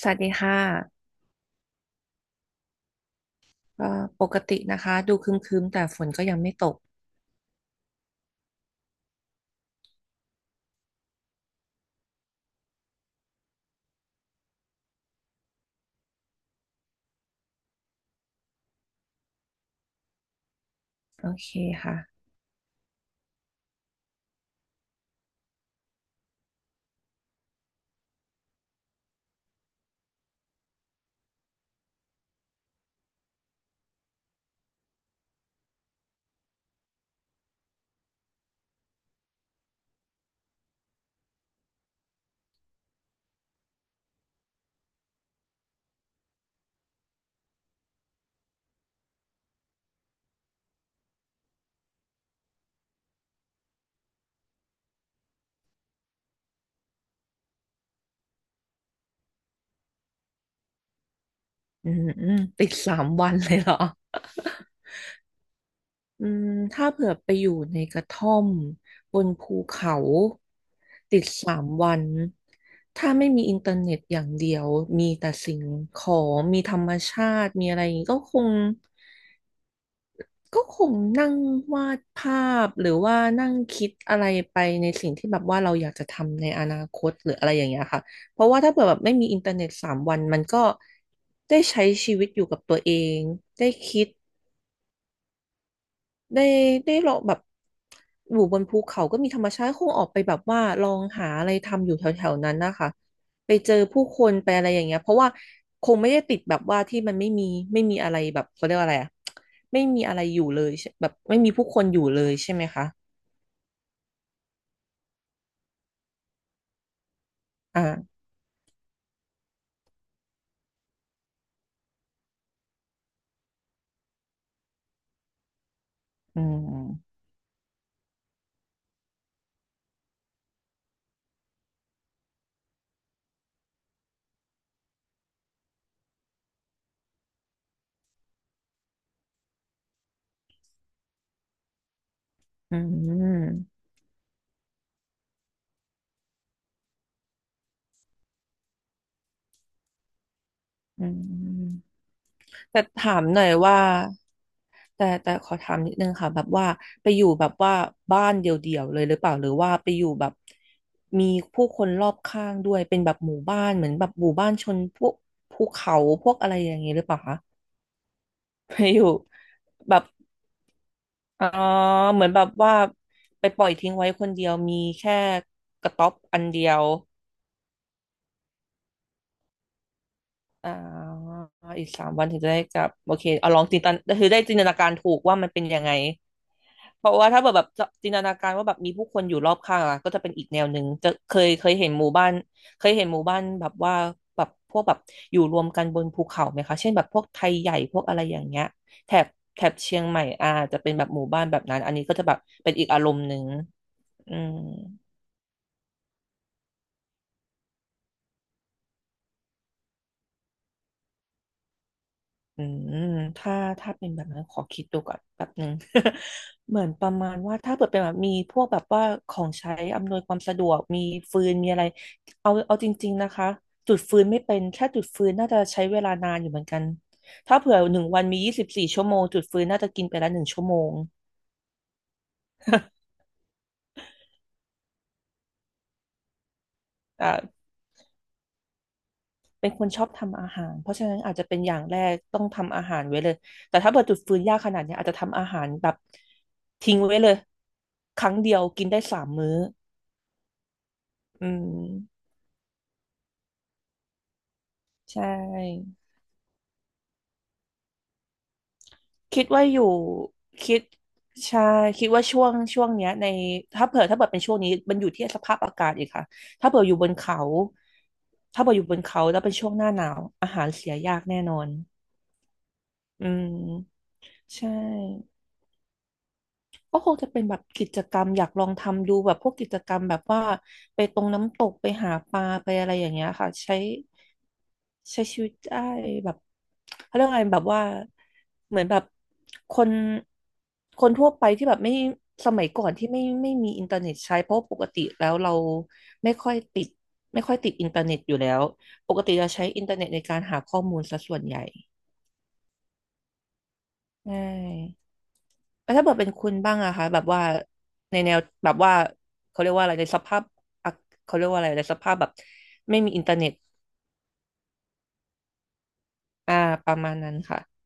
สวัสดีค่ะปกตินะคะดูครึ้มๆแต่ฝนก็ยังไม่ตกโอเคค่ะอืมอืมติดสามวันเลยเหรออืมถ้าเผื่อไปอยู่ในกระท่อมบนภูเขาติดสามวันถ้าไม่มีอินเทอร์เน็ตอย่างเดียวมีแต่สิ่งของมีธรรมชาติมีอะไรอย่างนี้ก็คงนั่งวาดภาพหรือว่านั่งคิดอะไรไปในสิ่งที่แบบว่าเราอยากจะทำในอนาคตหรืออะไรอย่างเงี้ยค่ะเพราะว่าถ้าเผื่อแบบไม่มีอินเทอร์เน็ตสามวันมันก็ได้ใช้ชีวิตอยู่กับตัวเองได้คิด ได้ได้ลองแบบอยู่บนภูเขาก็มีธรรมชาติคงออกไปแบบว่าลองหาอะไรทำอยู่แถวๆนั้นนะคะไปเจอผู้คนไปอะไรอย่างเงี้ยเพราะว่าคงไม่ได้ติดแบบว่าที่มันไม่มีอะไรแบบเขาเรียกว่าอะไรอะไม่มีอะไรอยู่เลยใช่แบบไม่มีผู้คนอยู่เลยใช่ไหมคะอ่าอืมอืมอืม แต่ถามหน่อยว่าแต่ขอถามนิดนึงค่ะแบบว่าไปอยู่แบบว่าบ้านเดี่ยวๆเลยหรือเปล่าหรือว่าไปอยู่แบบมีผู้คนรอบข้างด้วยเป็นแบบหมู่บ้านเหมือนแบบหมู่บ้านชนพวกภูเขาพวกอะไรอย่างนี้หรือเปล่าคะ ไปอยู่แบบอ๋อเหมือนแบบว่าไปปล่อยทิ้งไว้คนเดียวมีแค่กระต๊อบอันเดียวอ่าอีกสามวันถึงจะได้กลับโอเคเอาลองจินตนาคือได้จินตนาการถูกว่ามันเป็นยังไง เพราะว่าถ้าแบบจินตนาการว่าแบบมีผู้คนอยู่รอบข้างอะก็จะเป็นอีกแนวหนึ่งจะเคยเห็นหมู่บ้านเคยเห็นหมู่บ้านแบบว่าแบบพวกแบบอยู่รวมกันบนภูเขาไหมคะเช่นแบบพวกไทยใหญ่พวกอะไรอย่างเงี้ยแถบแถบเชียงใหม่อาจจะเป็นแบบหมู่บ้านแบบนั้นอันนี้ก็จะแบบเป็นอีกอารมณ์หนึ่งอืม อืมถ้าถ้าเป็นแบบนั้นขอคิดดูก่อนแป๊บหนึ่ง เหมือนประมาณว่าถ้าเปิดเป็นแบบมีพวกแบบว่าของใช้อำนวยความสะดวกมีฟืนมีอะไรเอาจริงๆนะคะจุดฟืนไม่เป็นแค่จุดฟืนน่าจะใช้เวลานานอยู่เหมือนกันถ้าเผื่อหนึ่งวันมี24 ชั่วโมงจุดฟืนน่าจะกินไปละหนึ่งชั่วโมงอ่าเป็นคนชอบทำอาหารเพราะฉะนั้นอาจจะเป็นอย่างแรกต้องทำอาหารไว้เลยแต่ถ้าเปิดจุดฟืนยากขนาดเนี้ยอาจจะทำอาหารแบบทิ้งไว้เลยครั้งเดียวกินได้3 มื้อ อืมใช่คิดว่าอยู่คิดใช่คิดว่าช่วงเนี้ยในถ้าเผื่อเป็นช่วงนี้มันอยู่ที่สภาพอากาศอีกค่ะถ้าเผื่ออยู่บนเขาถ้าเผื่ออยู่บนเขาแล้วเป็นช่วงหน้าหนาวอาหารเสียยากแน่นอนอืมใช่ก็คงจะเป็นแบบกิจกรรมอยากลองทำดูแบบพวกกิจกรรมแบบว่าไปตรงน้ำตกไปหาปลาไปอะไรอย่างเงี้ยค่ะใช้ชีวิตได้แบบเขาเรียกว่าไงแบบว่าเหมือนแบบคนคนทั่วไปที่แบบไม่สมัยก่อนที่ไม่มีอินเทอร์เน็ตใช้เพราะปกติแล้วเราไม่ค่อยติดไม่ค่อยติดอินเทอร์เน็ตอยู่แล้วปกติเราใช้อินเทอร์เน็ตในการหาข้อมูลซะส่วนใหญ่ใช่แล้วถ้าเบิเป็นคุณบ้างอะคะแบบว่าในแนวแบบว่าเขาเรียกว่าอะไรในสภาพอะเขาเรียกว่าอะไรในสภาพแบบไม่มีอินเทอร์เน็ตอ่าประมาณนั้นค่ะ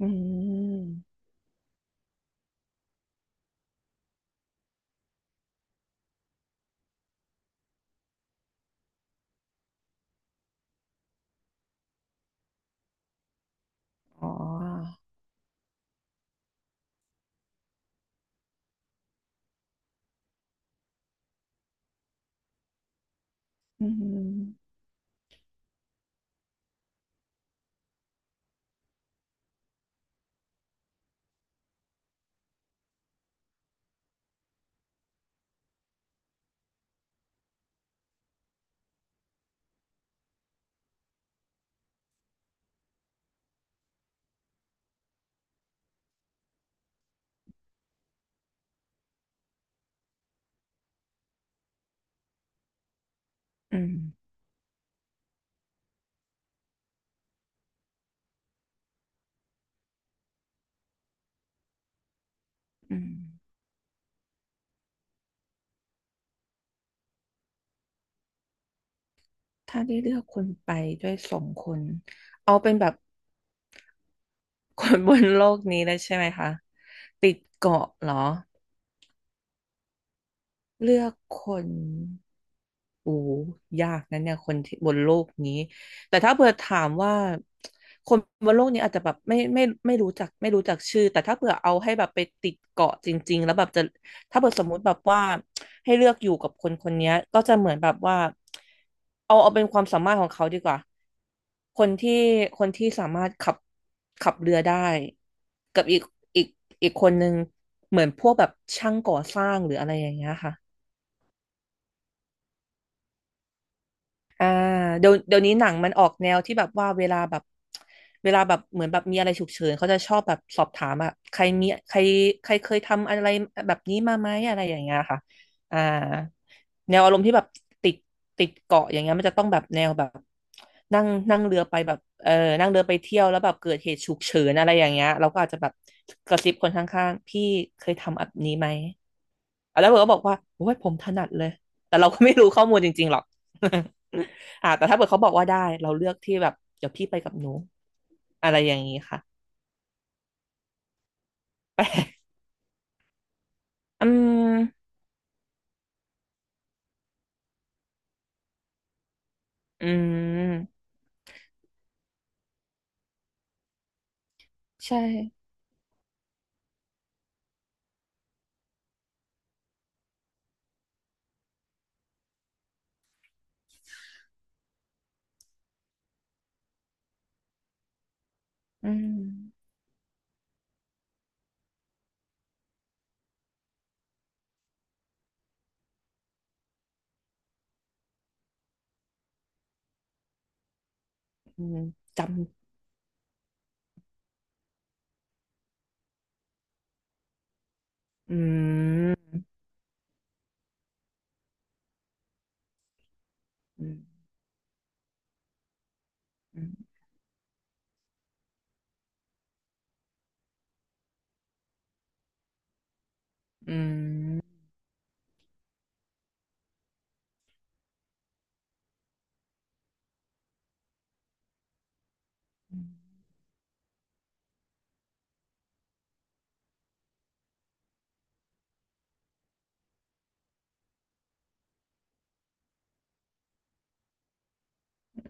อืมอ๋อ อืมอืมอืมถ้าได้เลือกคนไปด้วยสองคนเอาเป็นแบบคนบนโลกนี้เลยใช่ไหมคะ ติดเกาะเหรอ เลือกคน โอ้ยากนะเนี่ยคนที่บนโลกนี้ แต่ถ้าเผื่อถามว่าคนบนโลกนี้อาจจะแบบไม่รู้จักไม่รู้จักชื่อ แต่ถ้าเผื่อเอาให้แบบไปติดเกาะจริงๆแล้วแบบจะถ้าเผื่อสมมุติแบบว่าให้เลือกอยู่กับคนคนเนี้ยก็จะเหมือนแบบว่าเอาเป็นความสามารถของเขาดีกว่า คนที่คนที่สามารถขับเรือได้กับอีกอีกคนนึงเหมือนพวกแบบช่างก่อสร้างหรืออะไรอย่างเงี้ยค่ะ อ่าเดี๋ยวนี้หนังมันออกแนวที่แบบว่าเวลาแบบเหมือนแบบมีอะไรฉุกเฉินเขาจะชอบแบบสอบถามอะใครมีใครใครเคยทำอะไรแบบนี้มาไหมอะไรอย่างเงี้ยค่ะอ่าแนวอารมณ์ที่แบบติดติดเกาะอย่างเงี้ยมันจะต้องแบบแนวแบบนั่งนั่งเรือไปแบบนั่งเรือไปเที่ยวแล้วแบบเกิดเหตุฉุกเฉินอะไรอย่างเงี้ยเราก็อาจจะแบบกระซิบคนข้างๆพี่เคยทำแบบนี้ไหม แล้วเผื่อก็บอกว่าโอ้ยผมถนัดเลย แต่เราก็ไม่รู้ข้อมูลจริงๆหรอก แต่ถ้าเผื่อเขาบอกว่าได้ เราเลือกที่แบบเดี๋ยวพี่ไปกับหนูอะไรอย่างนี้ค่ะแปลกอืมอืมใช่อืมอืมจำอืมอืมอืมอืม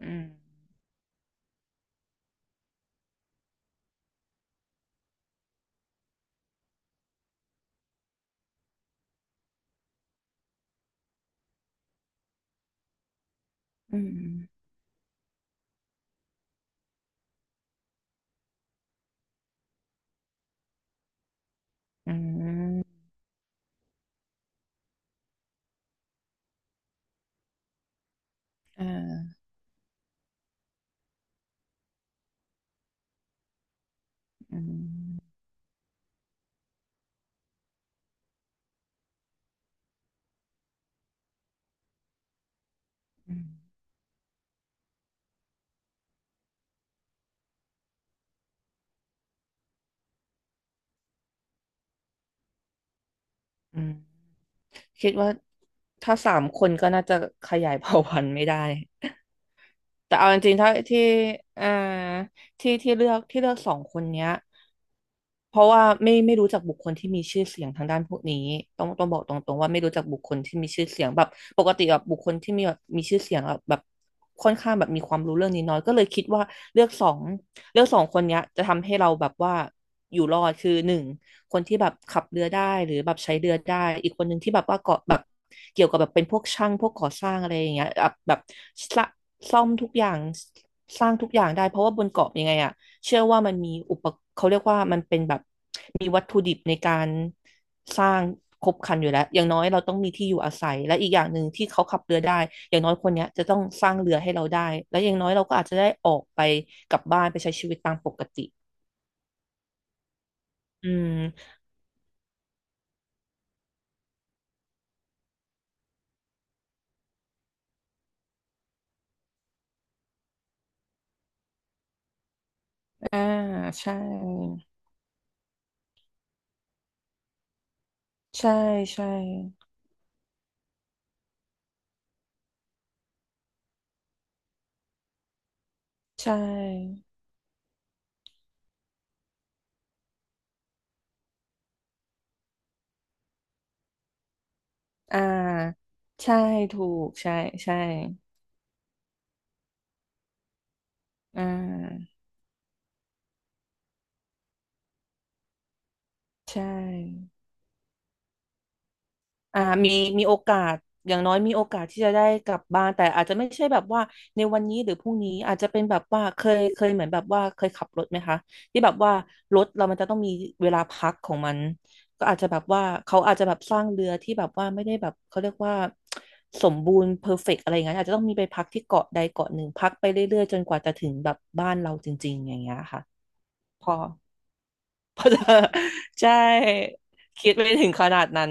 อืมอืมอืมอ่าอืมอืมอืมคิดว่าถ้าสามคนก็น่าจะขยายเผ่าพันธุ์ไม่ได้ แต่เอาจริงๆถ้าที่เอ่อที่ที่เลือกที่เลือกสองคนเนี้ยเพราะว่าไม่รู้จักบุคคลที่มีชื่อเสียงทางด้านพวกนี้ต้องบอกตรงๆว่าไม่รู้จักบุคคลที่มีชื่อเสียงแบบปกติแบบบุคคลที่มีแบบมีชื่อเสียงอะแบบค่อนข้างแบบมีความรู้เรื่องนี้น้อยก็เลยคิดว่าเลือกสองเลือกสองคนเนี้ยจะทำให้เราแบบว่าอยู่รอดคือหนึ่ง คนที่แบบขับเรือได้หรือแบบใช้เรือได้อีกคนหนึ่งที่แบบว่าเกาะแบบเกี่ยวกับแบบเป็นพวกช่างพวกก่อสร้างอะไรอย่างเงี้ยแบบแบบสะซ่อมทุกอย่างสร้างทุกอย่างได้เพราะว่าบนเกาะยังไงอะเชื่อว่ามันมีอุปเขาเรียกว่ามันเป็นแบบมีวัตถุดิบในการสร้างครบครันอยู่แล้วอย่างน้อยเราต้องมีที่อยู่อาศัยและอีกอย่างหนึ่งที่เขาขับเรือได้อย่างน้อยคนเนี้ยจะต้องสร้างเรือให้เราได้และอย่างน้อยเราก็อาจจะได้ออกไปกลับบ้านไปใช้ชีวิตตามปกติอืมอ่าใช่ ใช่ใช่ใช่อ่าใช่ถูกใช่ใช่อ่าใช่ อ่ามีมีโอกาสอย่างน้อยมีโอกาสที่จะได้กลับบ้านแต่อาจจะไม่ใช่แบบว่าในวันนี้หรือพรุ่งนี้อาจจะเป็นแบบว่าเคยเหมือนแบบว่าเคยขับรถไหมคะที่แบบว่ารถเรามันจะต้องมีเวลาพักของมันก็อาจจะแบบว่าเขาอาจจะแบบสร้างเรือที่แบบว่าไม่ได้แบบเขาเรียกว่าสมบูรณ์เพอร์เฟกต์อะไรอย่างนงี้ยอาจจะต้องมีไปพักที่เกาะใดเกาะหนึ่งพักไปเรื่อยๆจนกว่าจะถึงแบบบ้านเราจริงๆอย่างเงี้ยค่ะพอ พอจะ ใช่คิดไม่ถึงขนาดนั้น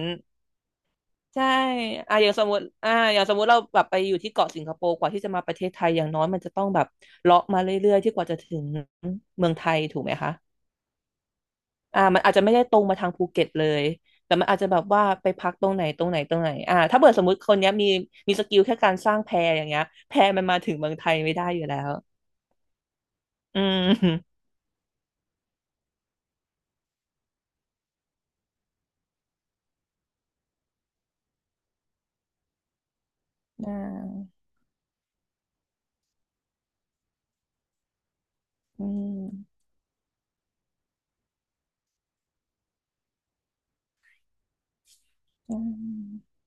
ใช่อ่ะอย่างสมมติอ่ะอย่างสมมติเราแบบไปอยู่ที่เกาะสิงคโปร์กว่าที่จะมาประเทศไทยอย่างน้อยมันจะต้องแบบเลาะมาเรื่อยๆที่กว่าจะถึงเมืองไทยถูกไหมคะอ่ะมันอาจจะไม่ได้ตรงมาทางภูเก็ตเลยแต่มันอาจจะแบบว่าไปพักตรงไหนตรงไหนตรงไหนอ่ะถ้าเกิดสมมติคนเนี้ยมีสกิลแค่การสร้างแพอย่างเงี้ยแพมันมาถึงเมืองไทยไม่ได้อยู่แล้วอืม อ่าอืมอืม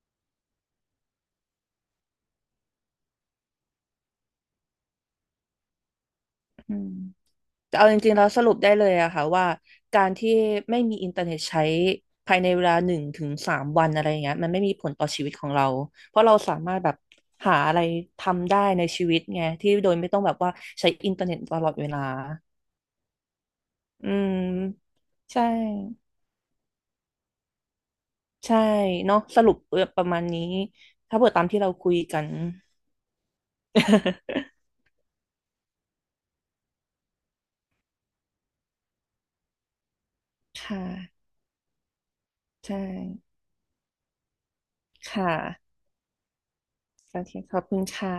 อืม เอาจริงๆแล้วสรุปได้เลยอะค่ะว่าการที่ไม่มีอินเทอร์เน็ตใช้ภายในเวลา1 ถึง 3 วันอะไรอย่างเงี้ยมันไม่มีผลต่อชีวิตของเราเพราะเราสามารถแบบหาอะไรทำได้ในชีวิตไงที่โดยไม่ต้องแบบว่าใช้อินเทอร์เน็ตตลอดเวลาอืมใช่ใช่เนาะสรุปเออประมาณนี้ถ้าเปิดตามที่เราคุยกัน ค่ะใช่ค่ะโอเคขอบคุณค่ะ